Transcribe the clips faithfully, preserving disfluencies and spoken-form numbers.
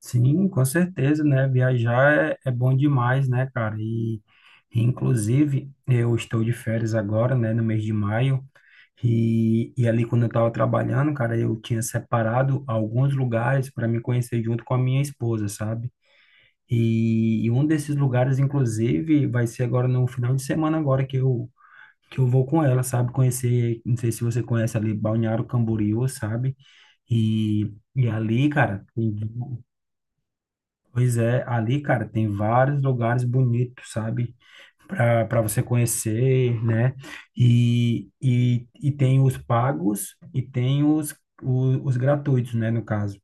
Sim, com certeza, né? Viajar é, é bom demais, né, cara? E, inclusive, eu estou de férias agora, né, no mês de maio. E, e ali, quando eu estava trabalhando, cara, eu tinha separado alguns lugares para me conhecer junto com a minha esposa, sabe? E, e um desses lugares, inclusive, vai ser agora no final de semana, agora que eu, que eu vou com ela, sabe? Conhecer, não sei se você conhece ali, Balneário Camboriú, sabe? E, e ali, cara, tem. Pois é, ali, cara, tem vários lugares bonitos, sabe? Para para você conhecer, né? E, e, e tem os pagos e tem os, o- os gratuitos, né? No caso.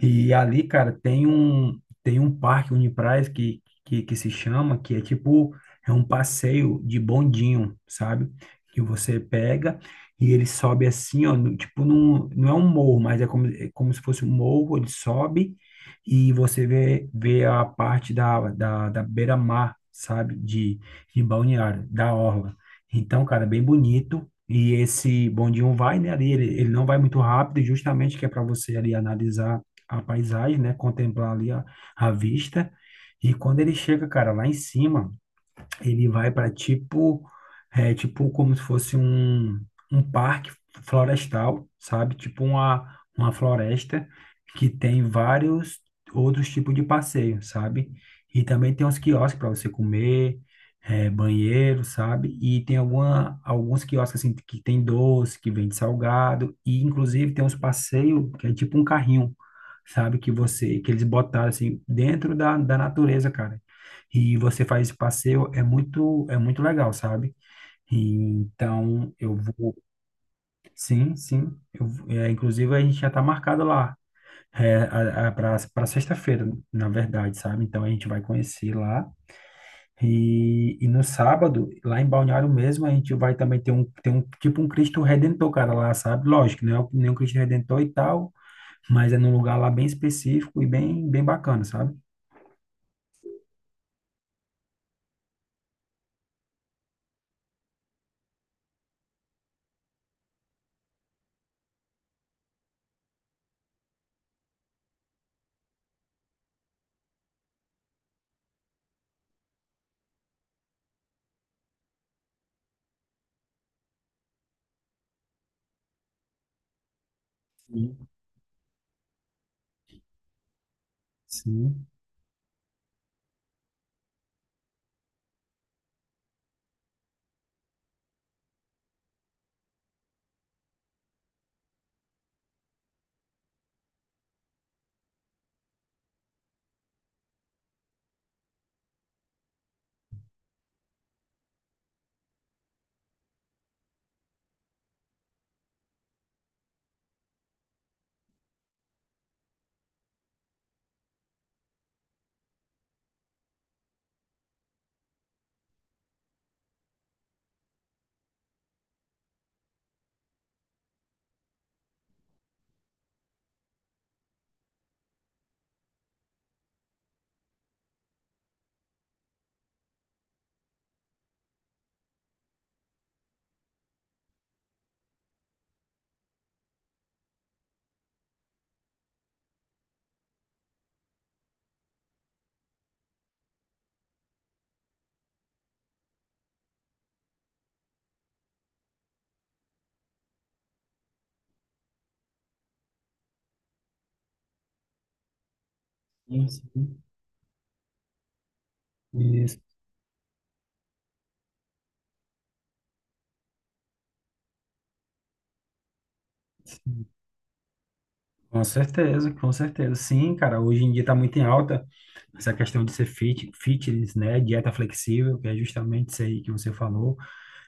E ali, cara, tem um tem um parque Uniprás que, que que se chama, que é tipo é um passeio de bondinho, sabe? Que você pega e ele sobe assim, ó, no- tipo num, não é um morro, mas é como, é como se fosse um morro, ele sobe e você vê vê a parte da da, da beira-mar, sabe? De de Balneário, da orla. Então, cara, é bem bonito. E esse bondinho vai, né, ali, ele, ele não vai muito rápido, justamente que é para você ali analisar a paisagem, né? Contemplar ali a, a vista. E quando ele chega, cara, lá em cima. Ele vai para tipo, é, tipo como se fosse um, um parque florestal, sabe? Tipo uma, uma floresta que tem vários outros tipos de passeio, sabe? E também tem uns quiosques para você comer, é, banheiro, sabe? E tem alguma, alguns quiosques assim que tem doce, que vende salgado, e inclusive tem uns passeios que é tipo um carrinho, sabe? Que você, que eles botaram assim dentro da, da natureza, cara, e você faz esse passeio, é muito, é muito legal, sabe? E, então, eu vou, sim, sim, eu, é, inclusive a gente já está marcado lá, é, para sexta-feira, na verdade, sabe? Então, a gente vai conhecer lá, e, e no sábado, lá em Balneário mesmo, a gente vai também ter um, ter um, tipo um Cristo Redentor, cara, lá, sabe? Lógico, não é o- nem um Cristo Redentor e tal, mas é num lugar lá bem específico e bem, bem bacana, sabe? Sim, sim, sim, sim. Isso. Com certeza, com certeza. Sim, cara, hoje em dia está muito em alta essa questão de ser fit, fitness, né? Dieta flexível, que é justamente isso aí que você falou,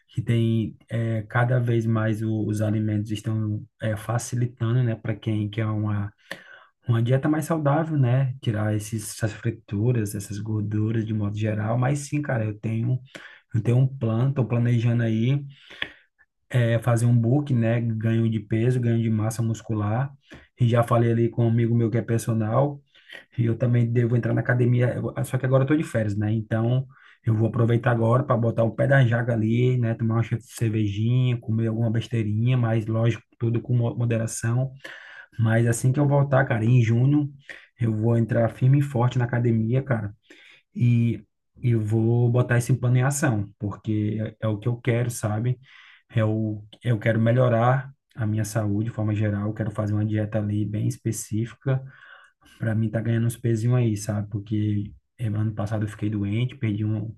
que tem é, cada vez mais o- os alimentos estão é, facilitando, né, para quem quer uma, uma dieta mais saudável, né? Tirar esses, essas frituras, essas gorduras de modo geral. Mas sim, cara, eu tenho, eu tenho um plano, estou planejando aí é, fazer um book, né? Ganho de peso, ganho de massa muscular. E já falei ali com um amigo meu que é personal, e eu também devo entrar na academia, eu- só que agora eu tô de férias, né? Então, eu vou aproveitar agora para botar o pé da jaca ali, né? Tomar uma che- cervejinha, comer alguma besteirinha, mas lógico, tudo com mo- moderação. Mas assim que eu voltar, cara, em junho, eu vou entrar firme e forte na academia, cara, e eu vou botar esse plano em ação, porque é, é o que eu quero, sabe? Eu, eu quero melhorar a minha saúde de forma geral, eu quero fazer uma dieta ali bem específica para mim tá ganhando uns pezinhos aí, sabe? Porque eh, ano passado eu fiquei doente, perdi um-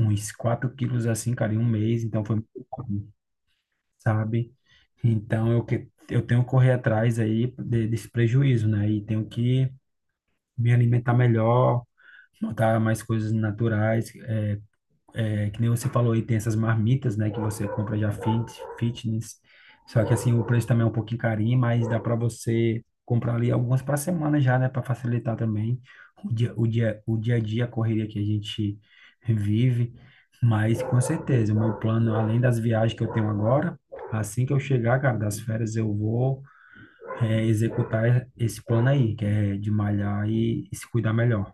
uns quatro quilos assim, cara, em um mês, então foi muito bom, sabe? Então eu, que, eu tenho que correr atrás aí de- desse prejuízo, né? E tenho que me alimentar melhor, botar mais coisas naturais, é, é, que nem você falou aí, tem essas marmitas, né, que você compra já fit, fitness. Só que assim, o preço também é um pouquinho carinho, mas dá para você comprar ali algumas para semana já, né, para facilitar também o dia, o dia, o dia a dia, a correria que a gente vive. Mas com certeza, o meu plano, além das viagens que eu tenho agora, assim que eu chegar, cara, das férias, eu vou é, executar esse plano aí, que é de malhar e, e se cuidar melhor.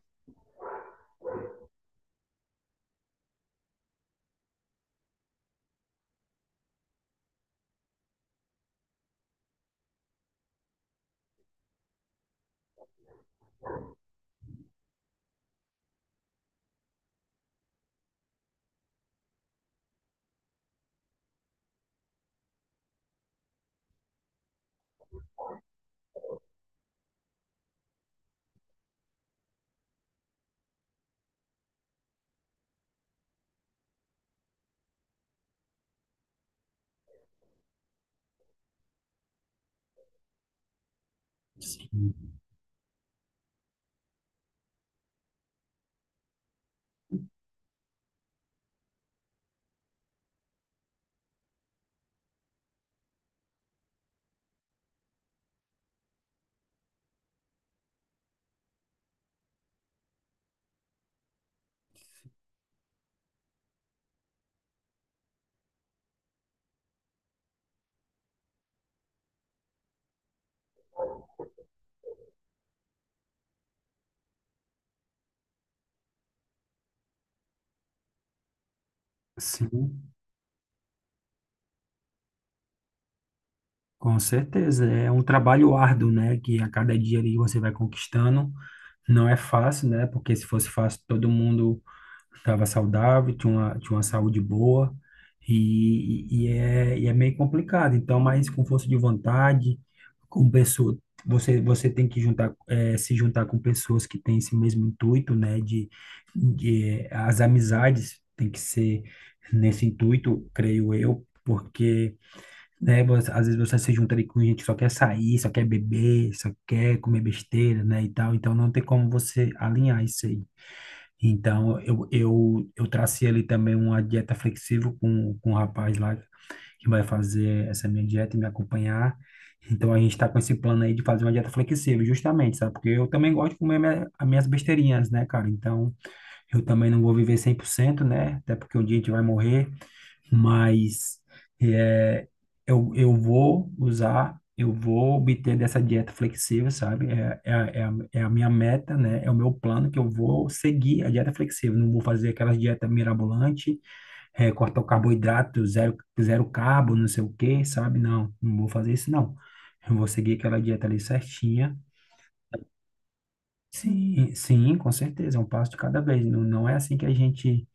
Sim, sim. Com certeza, é um trabalho árduo, né, que a cada dia ali você vai conquistando. Não é fácil, né, porque se fosse fácil todo mundo estava saudável, tinha uma, tinha uma saúde boa e, e, é, e é meio complicado. Então, mas com força de vontade, com pessoa, você, você tem que juntar, eh, se juntar com pessoas que têm esse mesmo intuito, né, de, de as amizades tem que ser nesse intuito, creio eu, porque né? você- Às vezes você se junta ali com gente que só quer sair, só quer beber, só quer comer besteira, né? E tal. Então não tem como você alinhar isso aí. Então eu, eu, eu tracei ali também uma dieta flexível com, com o rapaz lá que vai fazer essa minha dieta e me acompanhar. Então a gente está com esse plano aí de fazer uma dieta flexível, justamente, sabe? Porque eu também gosto de comer minha, as minhas besteirinhas, né, cara? Então eu também não vou viver cem por cento, né? Até porque um dia a gente vai morrer, mas é, eu, eu vou usar, eu vou obter dessa dieta flexível, sabe? É, é, a- é, a, é a minha meta, né? É o meu plano que eu vou seguir a dieta flexível. Não vou fazer aquelas dieta mirabolante, é, cortar o carboidrato, zero, zero carbo, não sei o quê, sabe? Não, não vou fazer isso, não. Eu vou seguir aquela dieta ali certinha. Sim, sim, com certeza, é um passo de cada vez. Não, não é assim que a gente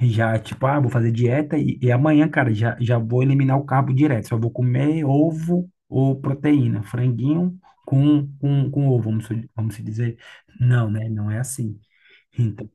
já, tipo, ah, vou fazer dieta e, e amanhã, cara, já, já vou eliminar o carbo direto. Só vou comer ovo ou proteína, franguinho com, com, com ovo, vamos, se- vamos se dizer. Não, né? Não é assim. Então,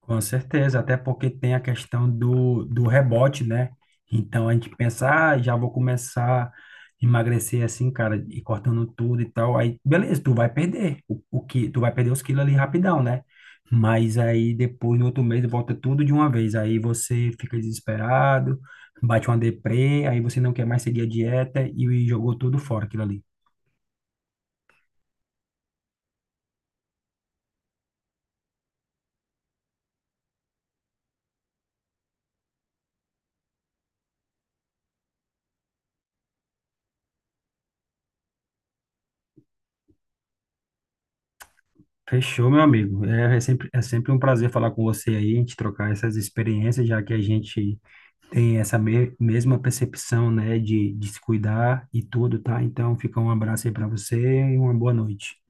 com certeza, até porque tem a questão do, do rebote, né? Então a gente pensa, ah, já vou começar a emagrecer assim, cara, e cortando tudo e tal. Aí, beleza, tu vai perder o, o que, tu vai perder os quilos ali rapidão, né? Mas aí depois, no outro mês, volta tudo de uma vez. Aí você fica desesperado, bate uma deprê, aí você não quer mais seguir a dieta e, e jogou tudo fora aquilo ali. Fechou, meu amigo. É, é sempre, é sempre um prazer falar com você aí, a gente trocar essas experiências, já que a gente tem essa me- mesma percepção, né, de, de se cuidar e tudo, tá? Então, fica um abraço aí para você e uma boa noite.